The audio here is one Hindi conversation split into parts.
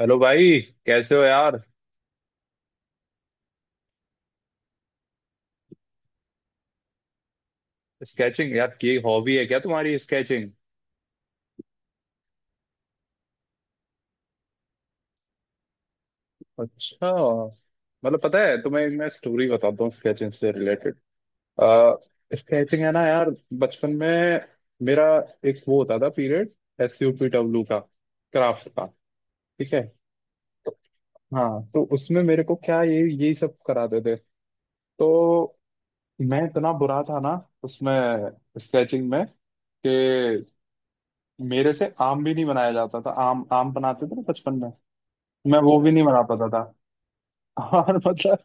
हेलो भाई। कैसे हो यार। स्केचिंग यार की हॉबी है क्या तुम्हारी, स्केचिंग? अच्छा। मतलब पता है तुम्हें, मैं स्टोरी बताता हूँ स्केचिंग से रिलेटेड। आ, स्केचिंग है ना यार। बचपन में मेरा एक वो होता था पीरियड, SUPW का, क्राफ्ट का। ठीक है तो, हाँ तो उसमें मेरे को क्या, ये यही सब कराते थे। तो मैं इतना बुरा था ना उसमें, स्केचिंग में, कि मेरे से आम भी नहीं बनाया जाता था। आम आम बनाते थे ना बचपन में, मैं वो भी नहीं बना पाता था। और मतलब,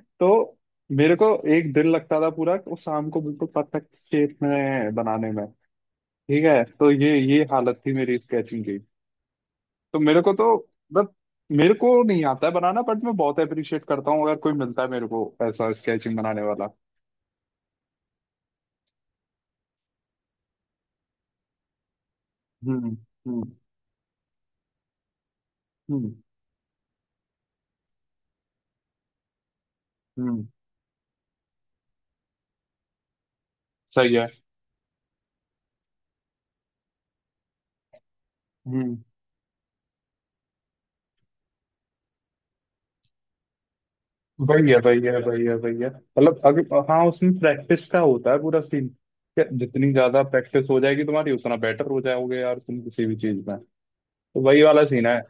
तो मेरे को एक दिन लगता था पूरा, वो शाम को बिल्कुल परफेक्ट शेप में बनाने में। ठीक है, तो ये हालत थी मेरी स्केचिंग की। तो मेरे को तो, बट मेरे को नहीं आता है बनाना, बट मैं बहुत अप्रिशिएट करता हूँ अगर कोई मिलता है मेरे को ऐसा स्केचिंग बनाने वाला। हम्म। हम्म। हम्म। हम्म। सही है। हम्म। भैया भैया भैया भैया, मतलब अगर, हाँ, उसमें प्रैक्टिस का होता है पूरा सीन क्या, जितनी ज्यादा प्रैक्टिस हो जाएगी तुम्हारी उतना बेटर हो जाओगे यार तुम किसी भी चीज में। तो वही वाला सीन है।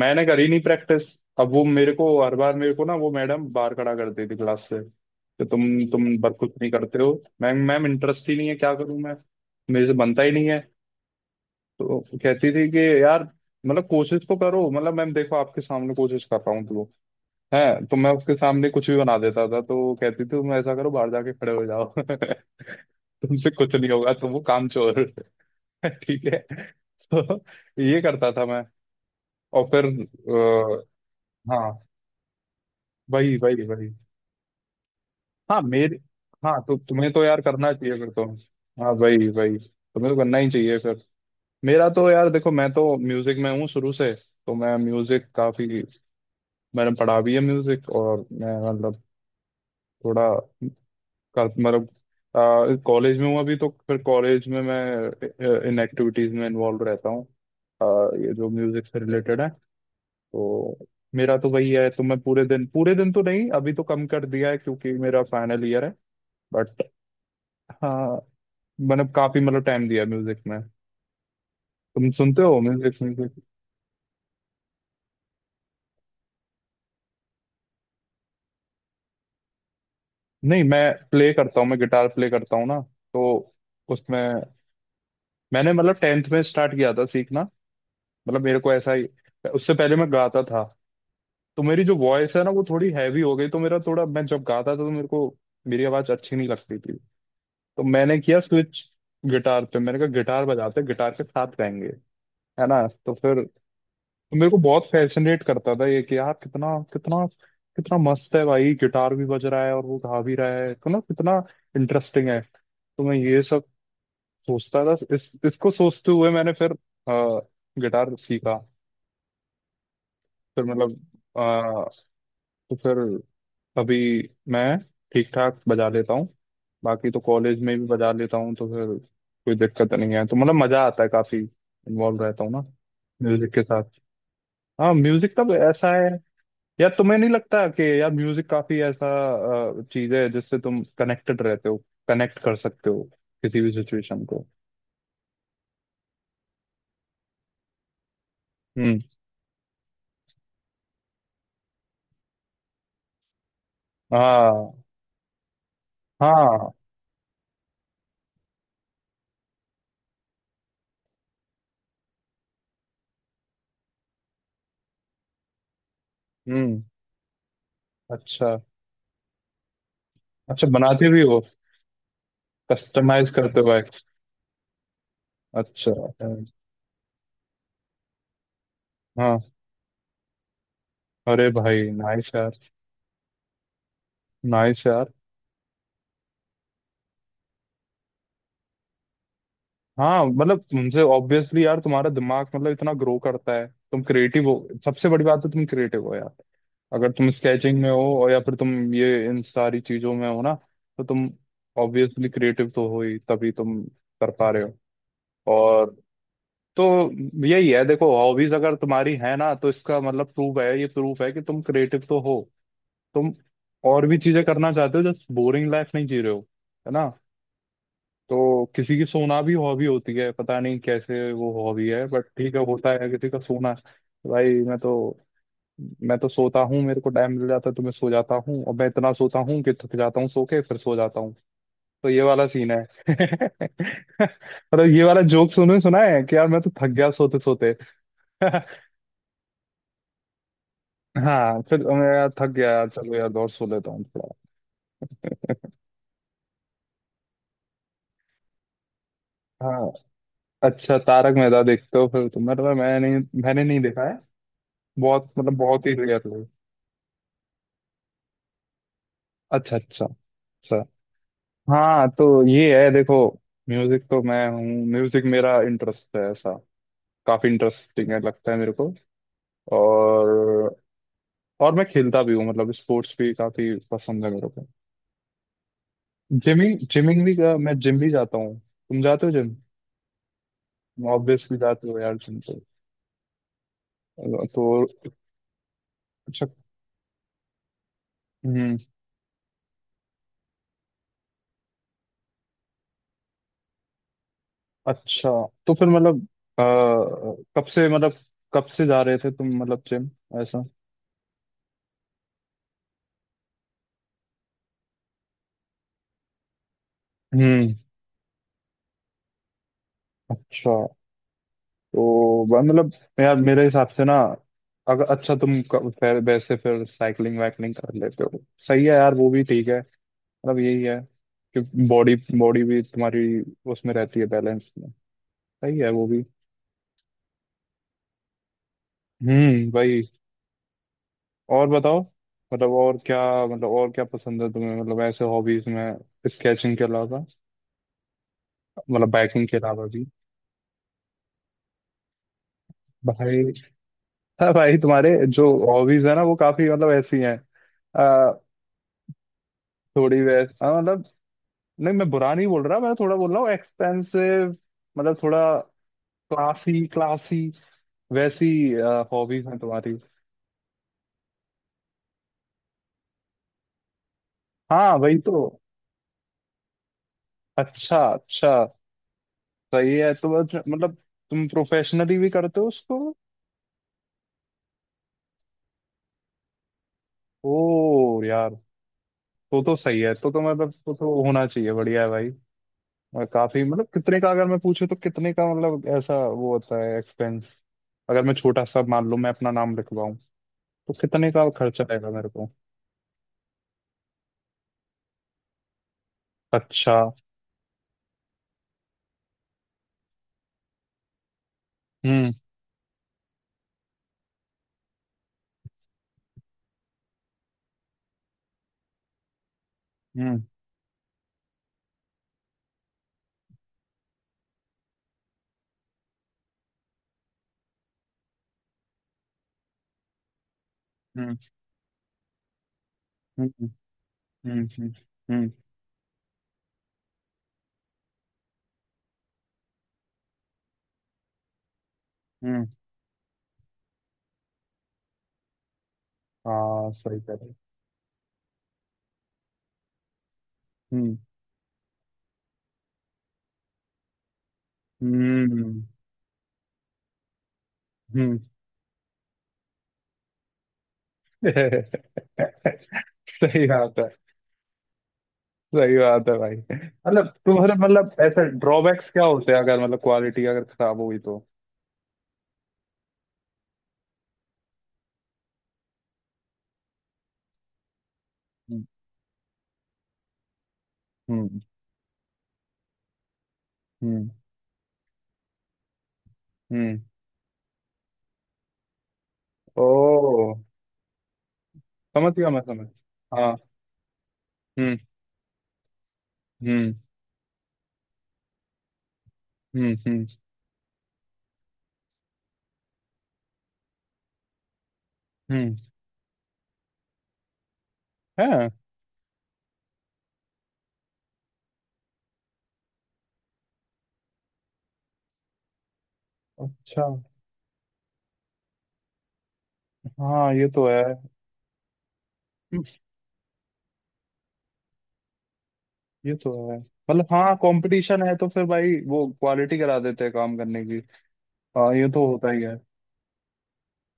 मैंने करी नहीं प्रैक्टिस। अब वो मेरे को हर बार, मेरे को ना वो मैडम बाहर खड़ा करती थी क्लास से, कि तुम बर कुछ नहीं करते हो। मैम मैम, इंटरेस्ट ही नहीं है, क्या करूं मैं, मेरे से बनता ही नहीं है। तो कहती थी कि यार, मतलब कोशिश तो करो, मतलब मैम देखो आपके सामने कोशिश कर रहा हूँ तो है। तो मैं उसके सामने कुछ भी बना देता था तो वो कहती थी तुम ऐसा करो बाहर जाके खड़े हो जाओ। तुमसे कुछ नहीं होगा तुम, वो कामचोर। ठीक है। तो ये करता था मैं, और फिर हाँ वही वही वही। हाँ मेरे, हाँ तो तुम्हें तो यार करना चाहिए फिर तो। हाँ वही वही, तुम्हें तो करना ही चाहिए फिर। मेरा तो यार देखो, मैं तो म्यूजिक में हूँ शुरू से, तो मैं म्यूजिक काफी, मैंने पढ़ा भी है म्यूजिक, और मैं मतलब थोड़ा मतलब कॉलेज में हूँ अभी, तो फिर कॉलेज में मैं इन एक्टिविटीज में इन्वॉल्व रहता हूँ, अ, ये जो म्यूजिक से रिलेटेड है। तो मेरा तो वही है, तो मैं पूरे दिन, पूरे दिन तो नहीं अभी, तो कम कर दिया है क्योंकि मेरा फाइनल ईयर है। बट हाँ, मैंने काफी मतलब टाइम दिया म्यूजिक में। तुम सुनते हो म्यूजिक, म्यूजिक? नहीं, मैं प्ले करता हूँ, मैं गिटार प्ले करता हूँ ना। तो उसमें मैंने मतलब टेंथ में स्टार्ट किया था सीखना। मतलब मेरे को ऐसा ही, उससे पहले मैं गाता था, तो मेरी जो वॉइस है ना वो थोड़ी हैवी हो गई, तो मेरा थोड़ा, मैं जब गाता था तो मेरे को, मेरी आवाज अच्छी नहीं लगती थी। तो मैंने किया स्विच गिटार पे, मैंने कहा गिटार बजाते हैं, गिटार के साथ गाएंगे, है ना? तो फिर, तो मेरे को बहुत फैसिनेट करता था ये, कि यार कितना, कितना, कितना मस्त है भाई, गिटार भी बज रहा है और वो गा भी रहा है तो ना, कितना इंटरेस्टिंग है। तो मैं ये सब सोचता था, इस इसको सोचते हुए मैंने फिर गिटार सीखा। फिर मतलब, तो फिर अभी मैं ठीक ठाक बजा लेता हूँ। बाकी तो कॉलेज में भी बजा लेता हूँ तो फिर कोई दिक्कत नहीं है। तो मतलब मजा आता है काफी, इन्वॉल्व रहता हूँ ना म्यूजिक के साथ। हाँ म्यूजिक तब ऐसा है, यार तुम्हें नहीं लगता कि यार म्यूजिक काफी ऐसा चीज है जिससे तुम कनेक्टेड रहते हो, कनेक्ट कर सकते हो किसी भी सिचुएशन को। हम्म। हाँ। हाँ। हम्म। अच्छा। अच्छा बनाते भी हो, कस्टमाइज करते हो भाई? अच्छा। हाँ। अरे भाई नाइस यार, नाइस यार। हाँ मतलब तुमसे ऑब्वियसली यार तुम्हारा दिमाग मतलब इतना ग्रो करता है, तुम क्रिएटिव हो। सबसे बड़ी बात है, तुम क्रिएटिव हो यार। अगर तुम स्केचिंग में हो और, या फिर तुम ये इन सारी चीजों में हो ना, तो तुम ऑब्वियसली क्रिएटिव तो हो ही तभी तुम कर पा रहे हो। और तो, यही है देखो, हॉबीज अगर तुम्हारी है ना तो इसका मतलब प्रूफ है, ये प्रूफ है कि तुम क्रिएटिव तो हो, तुम और भी चीजें करना चाहते हो, जस्ट बोरिंग लाइफ नहीं जी रहे हो, है ना? तो किसी की सोना भी हॉबी होती है, पता नहीं कैसे वो हॉबी है, बट ठीक है होता है किसी का सोना। भाई मैं तो सोता हूँ, मेरे को टाइम मिल जाता है तो मैं सो जाता हूँ और मैं इतना सोता हूँ कि थक जाता हूँ सो के, फिर सो जाता हूँ। तो ये वाला सीन है। मतलब ये वाला जोक सुने सुना है कि यार मैं तो थक गया सोते सोते। हाँ, फिर मैं यार थक गया यार, चलो यार और सो लेता हूँ थोड़ा। हाँ। अच्छा, तारक मेहता देखते हो फिर तुम? मतलब मैं नहीं, मैंने नहीं देखा है, बहुत मतलब बहुत ही रेयर। अच्छा अच्छा अच्छा। हाँ तो ये है देखो, म्यूजिक तो मैं हूँ, म्यूजिक मेरा इंटरेस्ट है ऐसा, काफी इंटरेस्टिंग है लगता है मेरे को। और और मैं खेलता भी हूँ, मतलब स्पोर्ट्स भी काफी पसंद है मेरे को। जिमिंग, जिमिंग भी मैं जिम भी जाता हूँ। तुम जाते हो जिम? ऑब्वियसली जाते हो यार जिम, तो अच्छा। हम्म। अच्छा तो फिर मतलब अ, कब से मतलब, कब से जा रहे थे तुम मतलब जिम, ऐसा? हम्म। अच्छा। तो मतलब यार मेरे हिसाब से ना, अगर, अच्छा तुम फिर वैसे, फिर साइकिलिंग वाइकलिंग कर लेते हो, सही है यार वो भी ठीक है। मतलब यही है कि बॉडी, बॉडी भी तुम्हारी उसमें रहती है बैलेंस में। सही है वो भी। भाई। और बताओ, मतलब और क्या, मतलब और क्या पसंद है तुम्हें मतलब ऐसे हॉबीज में स्केचिंग के अलावा, मतलब बाइकिंग के अलावा भी? भाई। हाँ भाई तुम्हारे जो हॉबीज है ना वो काफी मतलब ऐसी हैं, आ, थोड़ी वैस हाँ, मतलब नहीं मैं बुरा नहीं बोल रहा, मैं थोड़ा बोल रहा हूँ एक्सपेंसिव, मतलब थोड़ा क्लासी, क्लासी वैसी हॉबीज हैं तुम्हारी। हाँ वही तो। अच्छा अच्छा। सही है, तो बस मतलब तुम प्रोफेशनली भी करते हो उसको? ओ यार। तो सही है, तो मतलब तो होना चाहिए, बढ़िया है भाई। और काफी, मतलब कितने का, अगर मैं पूछूं तो कितने का मतलब ऐसा वो होता है एक्सपेंस। अगर मैं छोटा सा मान लूं, मैं अपना नाम लिखवाऊं, तो कितने का खर्चा आएगा मेरे को? अच्छा। हम्म। हम्म। हम्म। हम्म। हम्म। हम्म। हम्म। हम्म, हम्म। हाँ सही कह रहे हो। हम्म। हम्म। हम्म। सही बात है। सही बात है भाई। मतलब तुम्हारे मतलब ऐसे ड्रॉबैक्स क्या होते हैं अगर मतलब क्वालिटी अगर खराब हुई तो? हम्म। हम्म। हम्म। हम्म। ओ। समझ गया, मैं समझ। हाँ। हम्म। हम्म। हम्म। हम्म। हम्म। है। अच्छा। हाँ ये तो है। हम्म, ये तो है मतलब, हाँ कंपटीशन है तो फिर भाई वो क्वालिटी करा देते हैं काम करने की। हाँ ये तो होता ही है,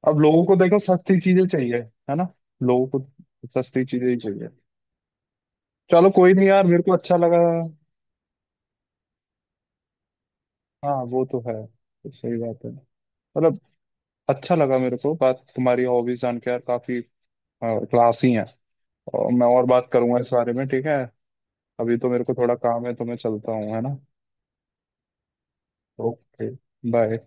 अब लोगों को देखो सस्ती चीजें चाहिए, है ना? लोगों को सस्ती चीजें ही चाहिए। चलो कोई नहीं यार, मेरे को अच्छा लगा। हाँ वो तो है, तो सही बात है। मतलब अच्छा लगा मेरे को बात तुम्हारी, हॉबीज जान के यार, काफी क्लासी है, और मैं और बात करूंगा इस बारे में, ठीक है? अभी तो मेरे को थोड़ा काम है तो मैं चलता हूँ, है ना? Okay bye.